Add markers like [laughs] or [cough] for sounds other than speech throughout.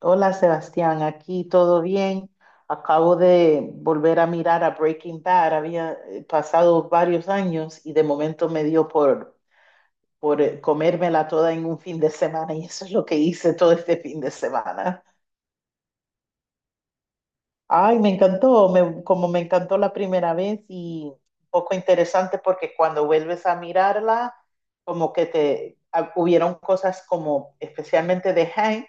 Hola Sebastián, aquí todo bien. Acabo de volver a mirar a Breaking Bad. Había pasado varios años y de momento me dio por comérmela toda en un fin de semana y eso es lo que hice todo este fin de semana. Ay, me encantó, como me encantó la primera vez y un poco interesante porque cuando vuelves a mirarla, como que hubieron cosas como especialmente de Hank,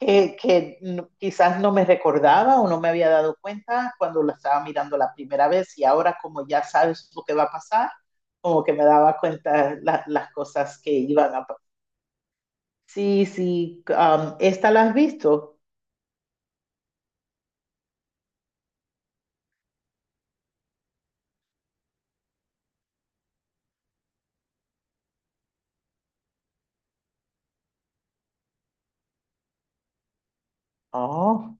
que no- quizás no me recordaba o no me había dado cuenta cuando la estaba mirando la primera vez y ahora como ya sabes lo que va a pasar, como que me daba cuenta las cosas que iban a pasar. Sí, sí, ¿esta la has visto? Oh,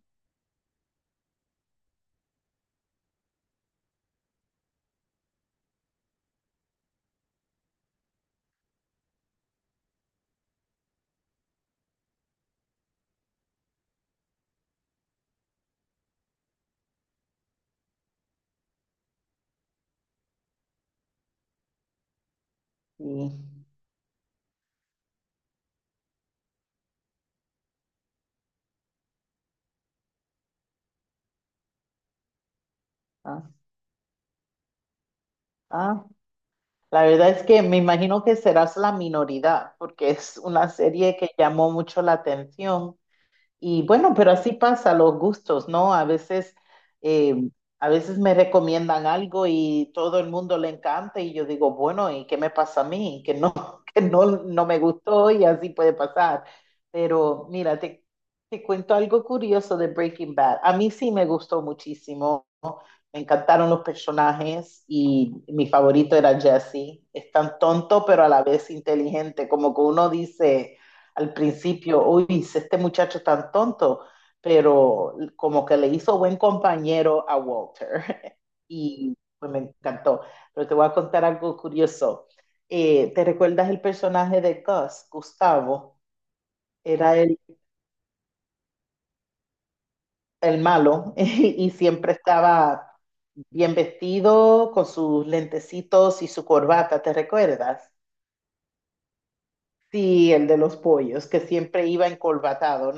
sí. Ah, ah. La verdad es que me imagino que serás la minoridad porque es una serie que llamó mucho la atención. Y bueno, pero así pasa los gustos, ¿no? Eh, a veces me recomiendan algo y todo el mundo le encanta y yo digo, bueno, ¿y qué me pasa a mí? Que no, [laughs] que no, no me gustó y así puede pasar. Pero mira, te cuento algo curioso de Breaking Bad. A mí sí me gustó muchísimo. Me encantaron los personajes y mi favorito era Jesse. Es tan tonto, pero a la vez inteligente. Como que uno dice al principio, uy, si este muchacho es tan tonto, pero como que le hizo buen compañero a Walter. [laughs] Y pues me encantó. Pero te voy a contar algo curioso. ¿Te recuerdas el personaje de Gus, Gustavo? Era el malo, [laughs] y siempre estaba bien vestido, con sus lentecitos y su corbata, ¿te recuerdas? Sí, el de los pollos, que siempre iba encorbatado,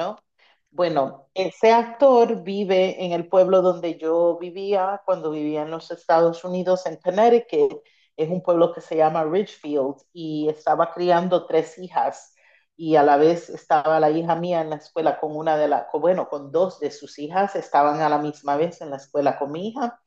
bueno, ese actor vive en el pueblo donde yo vivía cuando vivía en los Estados Unidos, en Connecticut. Es un pueblo que se llama Ridgefield y estaba criando tres hijas y a la vez estaba la hija mía en la escuela con una de las, bueno, con dos de sus hijas, estaban a la misma vez en la escuela con mi hija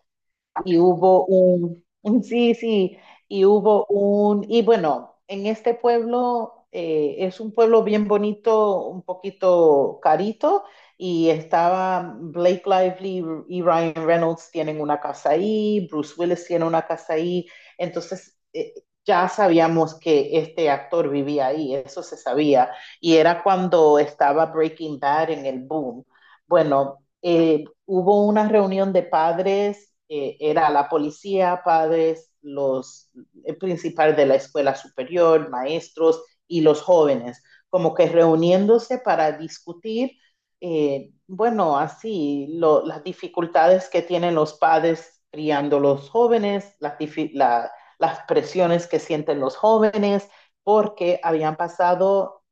y sí, sí, y hubo un, y bueno, en este pueblo es un pueblo bien bonito, un poquito carito, y estaba Blake Lively y Ryan Reynolds tienen una casa ahí, Bruce Willis tiene una casa ahí, entonces ya sabíamos que este actor vivía ahí, eso se sabía, y era cuando estaba Breaking Bad en el boom. Bueno. Hubo una reunión de padres, era la policía, padres, los, el principal de la escuela superior, maestros y los jóvenes, como que reuniéndose para discutir, bueno, así, lo, las dificultades que tienen los padres criando los jóvenes, las presiones que sienten los jóvenes, porque habían pasado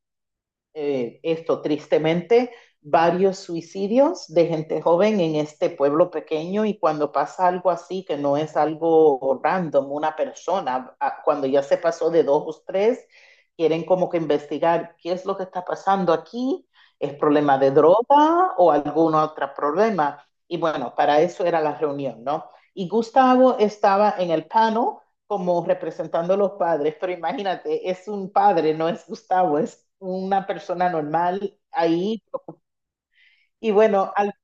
esto tristemente, varios suicidios de gente joven en este pueblo pequeño y cuando pasa algo así, que no es algo random, una persona, ah, cuando ya se pasó de dos o tres, quieren como que investigar qué es lo que está pasando aquí, es problema de droga o algún otro problema. Y bueno, para eso era la reunión, ¿no? Y Gustavo estaba en el panel como representando a los padres, pero imagínate, es un padre, no es Gustavo, es una persona normal ahí. Y bueno, al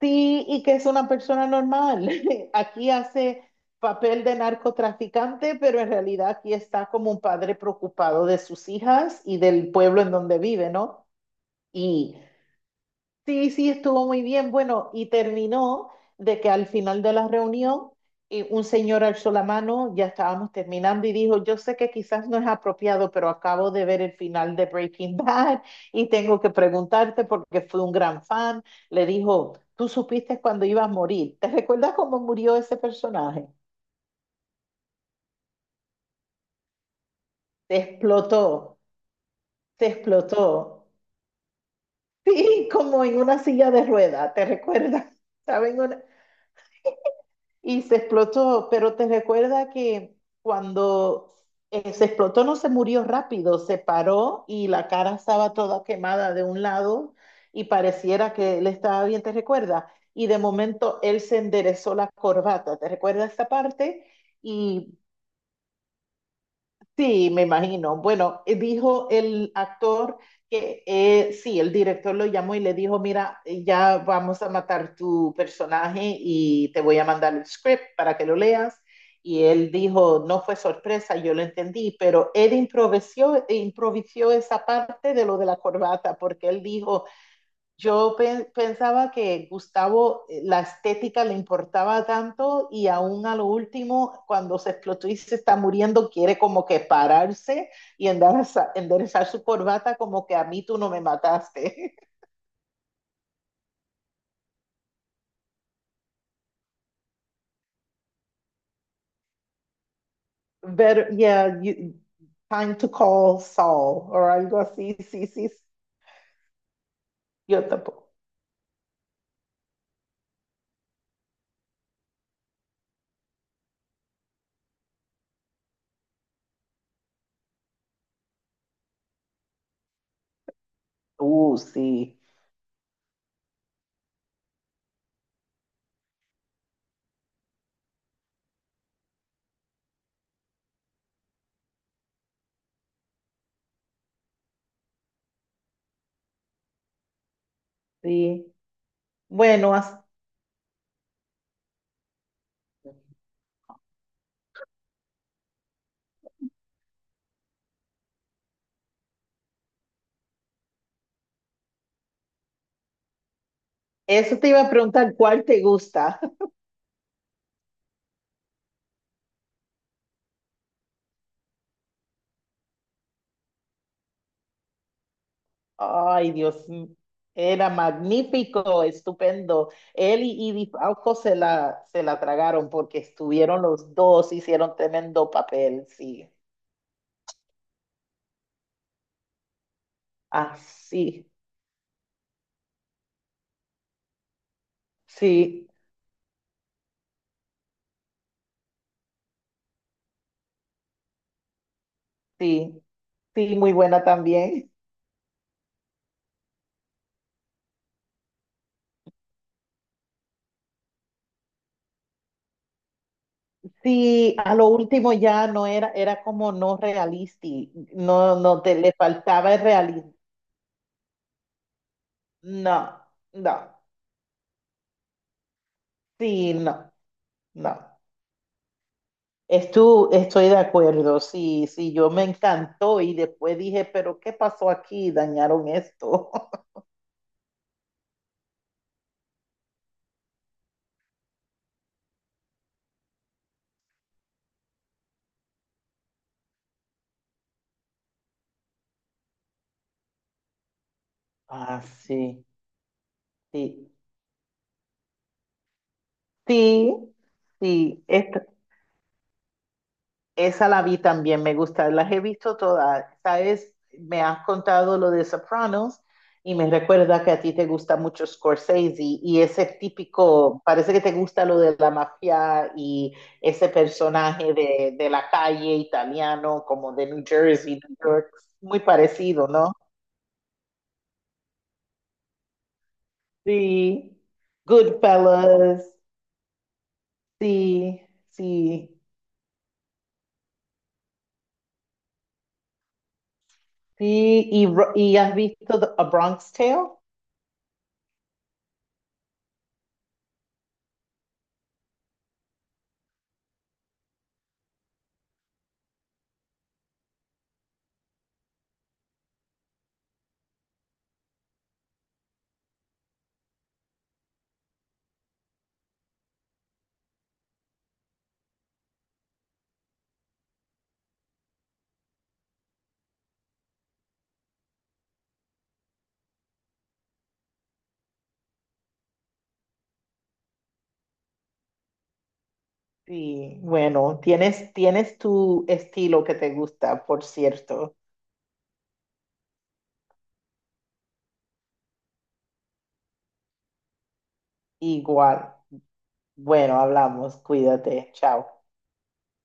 sí, y que es una persona normal. [laughs] Aquí hace papel de narcotraficante, pero en realidad aquí está como un padre preocupado de sus hijas y del pueblo en donde vive, ¿no? Y sí, sí, estuvo muy bien. Bueno, y terminó de que al final de la reunión un señor alzó la mano, ya estábamos terminando y dijo, yo sé que quizás no es apropiado, pero acabo de ver el final de Breaking [laughs] Bad y tengo que preguntarte porque fui un gran fan. Le dijo, tú supiste cuando ibas a morir. ¿Te recuerdas cómo murió ese personaje? Te explotó, te explotó. Sí, como en una silla de rueda, ¿te recuerdas? [laughs] ¿Saben? Y se explotó, pero te recuerda que cuando se explotó no se murió rápido, se paró y la cara estaba toda quemada de un lado y pareciera que él estaba bien, ¿te recuerda? Y de momento él se enderezó la corbata, ¿te recuerda esta parte? Y sí, me imagino. Bueno, dijo el actor que sí, el director lo llamó y le dijo, mira, ya vamos a matar tu personaje y te voy a mandar el script para que lo leas. Y él dijo, no fue sorpresa, yo lo entendí, pero él improvisó esa parte de lo de la corbata, porque él dijo, yo pensaba que Gustavo, la estética le importaba tanto y aún a lo último, cuando se explotó y se está muriendo, quiere como que pararse y enderezar su corbata como que a mí tú no me mataste. [laughs] But yeah, time to call Saul o algo así, sí, sí, sí. Yo tampoco. Sí, sí. Bueno, as- eso te iba a preguntar, ¿cuál te gusta? Ay, Dios, era magnífico, estupendo. Él y Di Falco se la tragaron porque estuvieron los dos, hicieron tremendo papel, sí. Ah, sí, sí, sí, sí, muy buena también. Sí, a lo último ya no era, era como no realista, no, no, te, le faltaba el realismo. No, no, sí, no, no. Estoy de acuerdo, sí, sí, yo me encantó y después dije, pero ¿qué pasó aquí? Dañaron esto. [laughs] Ah, sí, sí, sí, sí, esta- Esa la vi también, me gusta, las he visto todas. Sabes, me has contado lo de Sopranos y me recuerda que a ti te gusta mucho Scorsese y ese típico, parece que te gusta lo de la mafia y ese personaje de la calle italiano, como de New Jersey, New York, muy parecido, ¿no? Sí, Goodfellas, sí, sí, sí. ¿Y, Ro- y has visto The- A Bronx Tale? Sí, bueno, tienes, tienes tu estilo que te gusta, por cierto. Igual. Bueno, hablamos, cuídate, chao.